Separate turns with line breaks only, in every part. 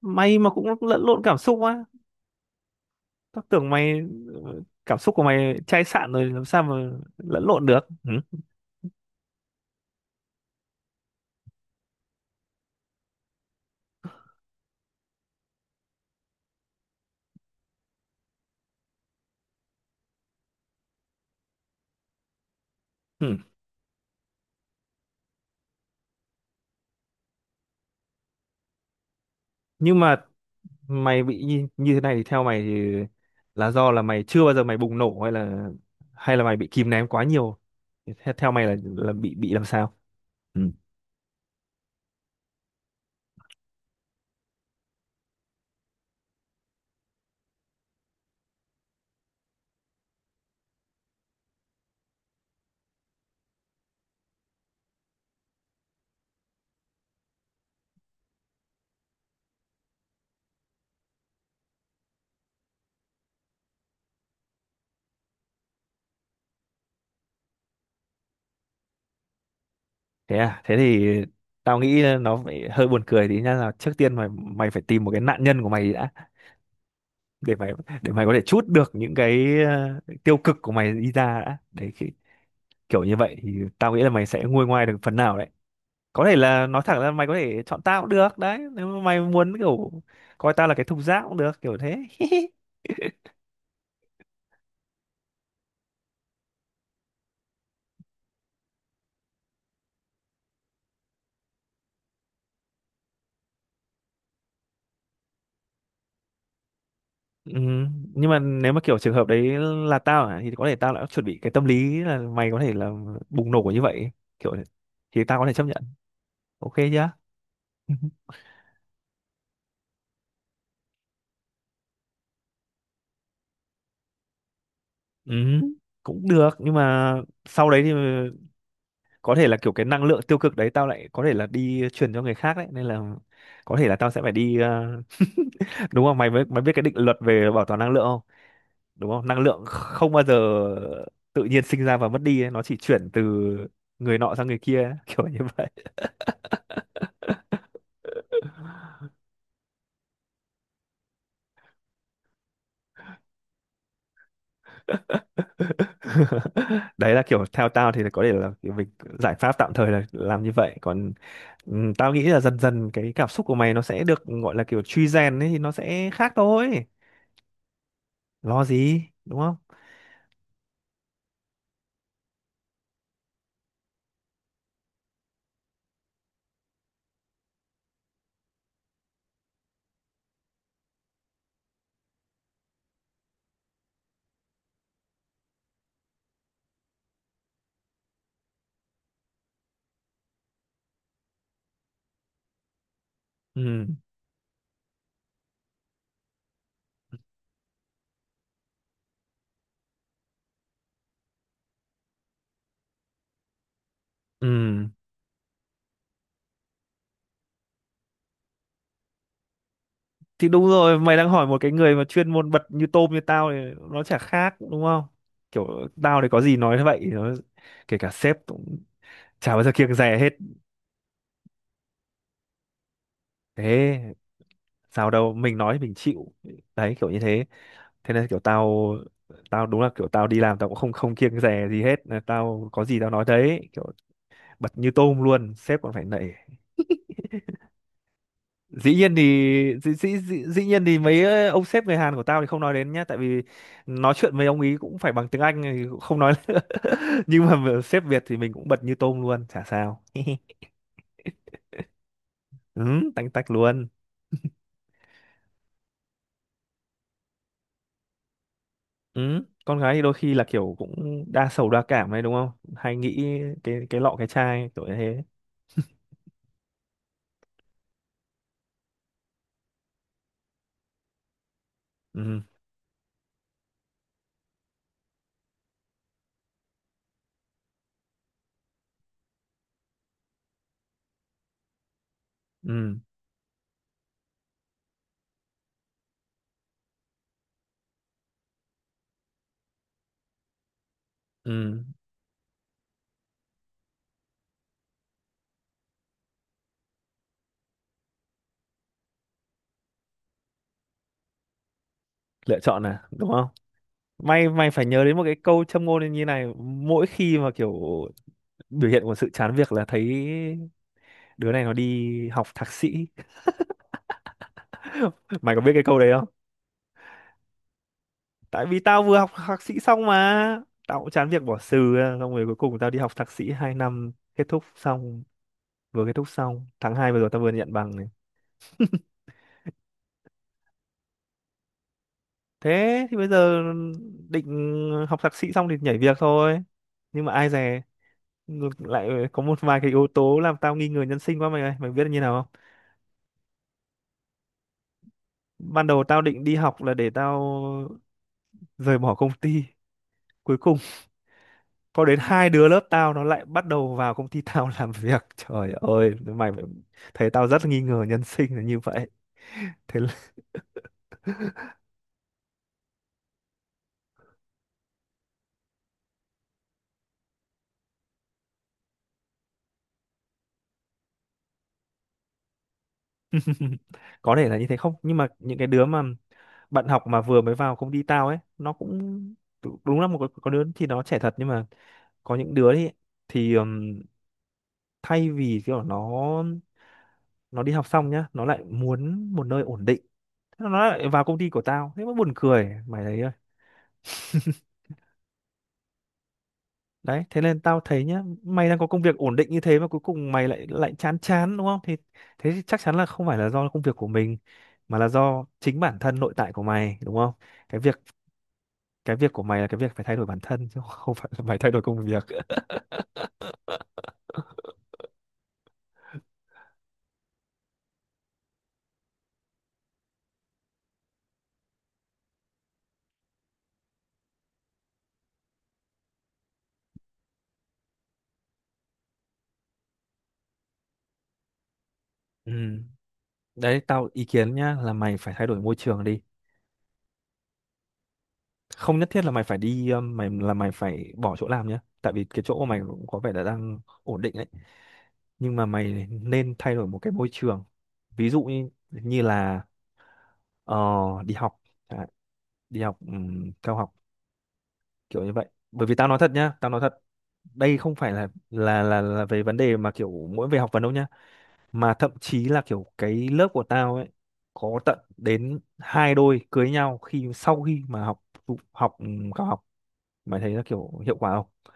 Mày mà cũng lẫn lộn cảm xúc á? Tao tưởng mày ờ, cảm xúc của mày chai sạn rồi làm sao mà lẫn lộn được, ừ? Ừ. Nhưng mà mày bị như thế này thì theo mày thì là do là mày chưa bao giờ mày bùng nổ, hay là mày bị kìm nén quá nhiều? Thì theo mày là bị làm sao, ừ? Thế à? Thế thì tao nghĩ nó phải hơi buồn cười tí nhá, là trước tiên mày mày phải tìm một cái nạn nhân của mày đã, để mày để mày có thể trút được những cái tiêu cực của mày đi ra đã đấy khi, kiểu như vậy thì tao nghĩ là mày sẽ nguôi ngoai được phần nào đấy. Có thể là nói thẳng ra, mày có thể chọn tao cũng được đấy, nếu mà mày muốn, kiểu coi tao là cái thùng rác cũng được, kiểu thế. Ừ, nhưng mà nếu mà kiểu trường hợp đấy là tao à, thì có thể tao đã chuẩn bị cái tâm lý là mày có thể là bùng nổ như vậy, kiểu thế. Thì tao có thể chấp nhận. Ok chưa? Ừ, cũng được, nhưng mà sau đấy thì có thể là kiểu cái năng lượng tiêu cực đấy tao lại có thể là đi truyền cho người khác đấy, nên là có thể là tao sẽ phải đi, đúng không mày mới biết cái định luật về bảo toàn năng lượng không? Đúng không, năng lượng không bao giờ tự nhiên sinh ra và mất đi ấy. Nó chỉ chuyển từ người nọ sang người kia ấy. Kiểu như vậy. Đấy, là kiểu theo tao thì có thể là kiểu mình giải pháp tạm thời là làm như vậy, còn tao nghĩ là dần dần cái cảm xúc của mày nó sẽ được gọi là kiểu truy rèn ấy thì nó sẽ khác thôi, lo gì đúng không. Ừ, ừ. Thì đúng rồi, mày đang hỏi một cái người mà chuyên môn bật như tôm như tao thì nó chả khác đúng không, kiểu tao thì có gì nói vậy, nó kể cả sếp cũng chả bao giờ kiêng dè hết. Thế, sao đâu, mình nói mình chịu. Đấy, kiểu như thế. Thế nên kiểu tao tao đúng là kiểu tao đi làm tao cũng không không kiêng dè gì hết. Là tao có gì tao nói đấy, kiểu bật như tôm luôn, sếp còn phải nể. dĩ nhiên thì dĩ nhiên thì mấy ông sếp người Hàn của tao thì không nói đến nhá, tại vì nói chuyện với ông ý cũng phải bằng tiếng Anh thì cũng không nói nữa. Nhưng mà sếp Việt thì mình cũng bật như tôm luôn, chả sao. Ừ, tanh tách luôn. Ừ, con gái thì đôi khi là kiểu cũng đa sầu đa cảm đấy đúng không, hay nghĩ cái lọ cái chai, kiểu như thế. Ừ, ừ, ừ. Lựa chọn à đúng không. May phải nhớ đến một cái câu châm ngôn như này, mỗi khi mà kiểu biểu hiện của sự chán việc là thấy đứa này nó đi học thạc sĩ. Mày có biết cái câu đấy không? Tại vì tao vừa học thạc sĩ xong mà tao cũng chán việc bỏ xừ ra. Xong rồi cuối cùng tao đi học thạc sĩ 2 năm kết thúc xong, vừa kết thúc xong tháng 2 vừa rồi tao vừa nhận bằng này. Thế thì bây giờ định học thạc sĩ xong thì nhảy việc thôi, nhưng mà ai dè ngược lại có một vài cái yếu tố làm tao nghi ngờ nhân sinh quá mày ơi, mày biết là như nào không? Ban đầu tao định đi học là để tao rời bỏ công ty, cuối cùng có đến hai đứa lớp tao nó lại bắt đầu vào công ty tao làm việc, trời ơi thấy tao rất nghi ngờ nhân sinh là như vậy. Thế là, có thể là như thế không, nhưng mà những cái đứa mà bạn học mà vừa mới vào công ty tao ấy nó cũng đúng là có đứa thì nó trẻ thật, nhưng mà có những đứa thì thay vì kiểu nó đi học xong nhá nó lại muốn một nơi ổn định. Thế nó lại vào công ty của tao, thế mới buồn cười mày thấy. Đấy, thế nên tao thấy nhá, mày đang có công việc ổn định như thế mà cuối cùng mày lại lại chán chán đúng không, thì thế thì chắc chắn là không phải là do công việc của mình, mà là do chính bản thân nội tại của mày đúng không. Cái việc cái việc của mày là cái việc phải thay đổi bản thân chứ, không phải là mày thay đổi công việc. Ừ. Đấy, tao ý kiến nhá, là mày phải thay đổi môi trường đi, không nhất thiết là mày phải đi, mày là mày phải bỏ chỗ làm nhá, tại vì cái chỗ của mày cũng có vẻ là đang ổn định đấy, nhưng mà mày nên thay đổi một cái môi trường. Ví dụ như như là, Ờ, đi học chẳng đi học cao học, kiểu như vậy. Bởi vì tao nói thật nhá, tao nói thật, đây không phải là về vấn đề mà kiểu mỗi về học vấn đâu nhá, mà thậm chí là kiểu cái lớp của tao ấy có tận đến hai đôi cưới nhau khi sau khi mà học học cao học, mày thấy là kiểu hiệu quả không?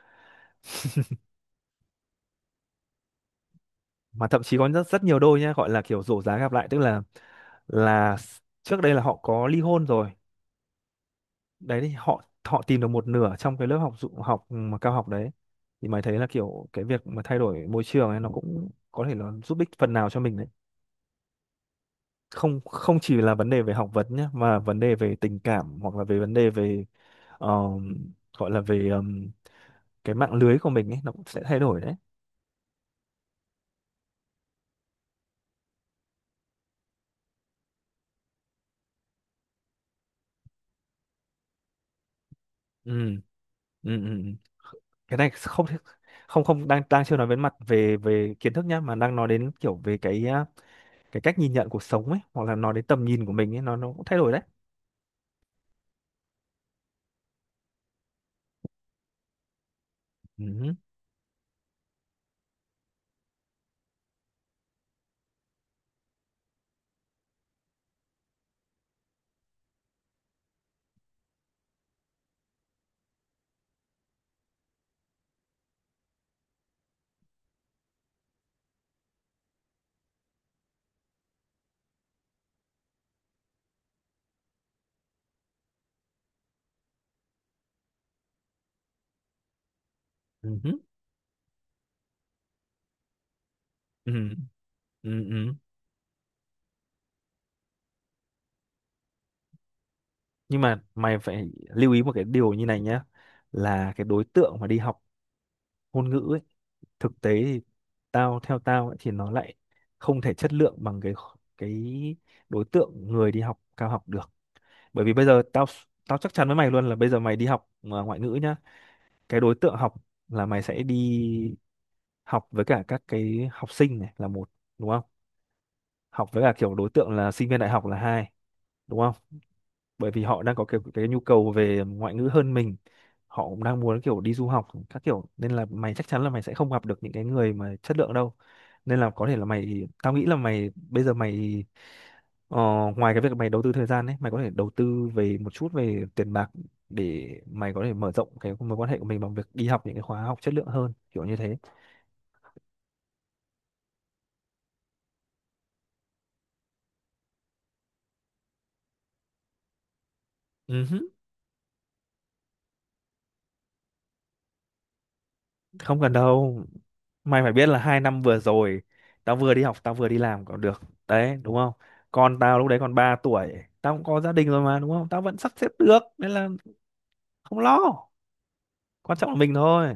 Mà thậm chí có rất rất nhiều đôi nhá, gọi là kiểu rổ giá gặp lại, tức là trước đây là họ có ly hôn rồi, đấy thì họ họ tìm được một nửa trong cái lớp học mà cao học đấy, thì mày thấy là kiểu cái việc mà thay đổi môi trường ấy nó cũng có thể là giúp ích phần nào cho mình đấy. Không không chỉ là vấn đề về học vấn nhé, mà vấn đề về tình cảm, hoặc là về vấn đề về, ờ, gọi là về, cái mạng lưới của mình ấy nó cũng sẽ thay đổi đấy. Ừ, ừ, ừ. Ừ. cái này không thể- không không đang đang chưa nói đến mặt về về kiến thức nhá, mà đang nói đến kiểu về cái cách nhìn nhận cuộc sống ấy, hoặc là nói đến tầm nhìn của mình ấy nó cũng thay đổi đấy. Ừ. Ừ, hứ, ừ, ừ, ừ. Nhưng mà mày phải lưu ý một cái điều như này nhá, là cái đối tượng mà đi học ngôn ngữ ấy, thực tế thì theo tao ấy, thì nó lại không thể chất lượng bằng cái đối tượng người đi học cao học được, bởi vì bây giờ tao tao chắc chắn với mày luôn là bây giờ mày đi học mà ngoại ngữ nhá, cái đối tượng học là mày sẽ đi học với cả các cái học sinh này là một đúng không, học với cả kiểu đối tượng là sinh viên đại học là hai đúng không. Bởi vì họ đang có kiểu cái nhu cầu về ngoại ngữ hơn mình, họ cũng đang muốn kiểu đi du học các kiểu, nên là mày chắc chắn là mày sẽ không gặp được những cái người mà chất lượng đâu, nên là có thể là mày, tao nghĩ là mày bây giờ mày, ờ, ngoài cái việc mày đầu tư thời gian ấy, mày có thể đầu tư về một chút về tiền bạc để mày có thể mở rộng cái mối quan hệ của mình bằng việc đi học những cái khóa học chất lượng hơn, kiểu như thế. Không cần đâu, mày phải biết là 2 năm vừa rồi tao vừa đi học tao vừa đi làm còn được đấy đúng không, con tao lúc đấy còn 3 tuổi, tao cũng có gia đình rồi mà đúng không, tao vẫn sắp xếp được, nên là không lo, quan trọng là mình thôi.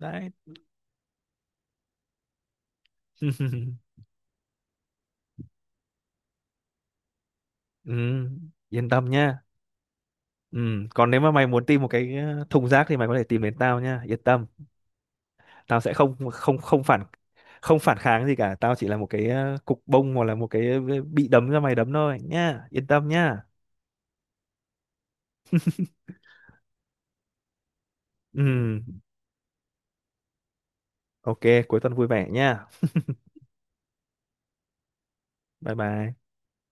Đấy. Ừ, yên tâm nhá. Ừ. Còn nếu mà mày muốn tìm một cái, thùng rác thì mày có thể tìm đến tao nhá, yên tâm, tao sẽ không không không phản không phản kháng gì cả, tao chỉ là một cái, cục bông, hoặc là một cái, bị đấm cho mày đấm thôi nhá, yên tâm nhá. Ừ. Ok, cuối tuần vui vẻ nha. Bye bye.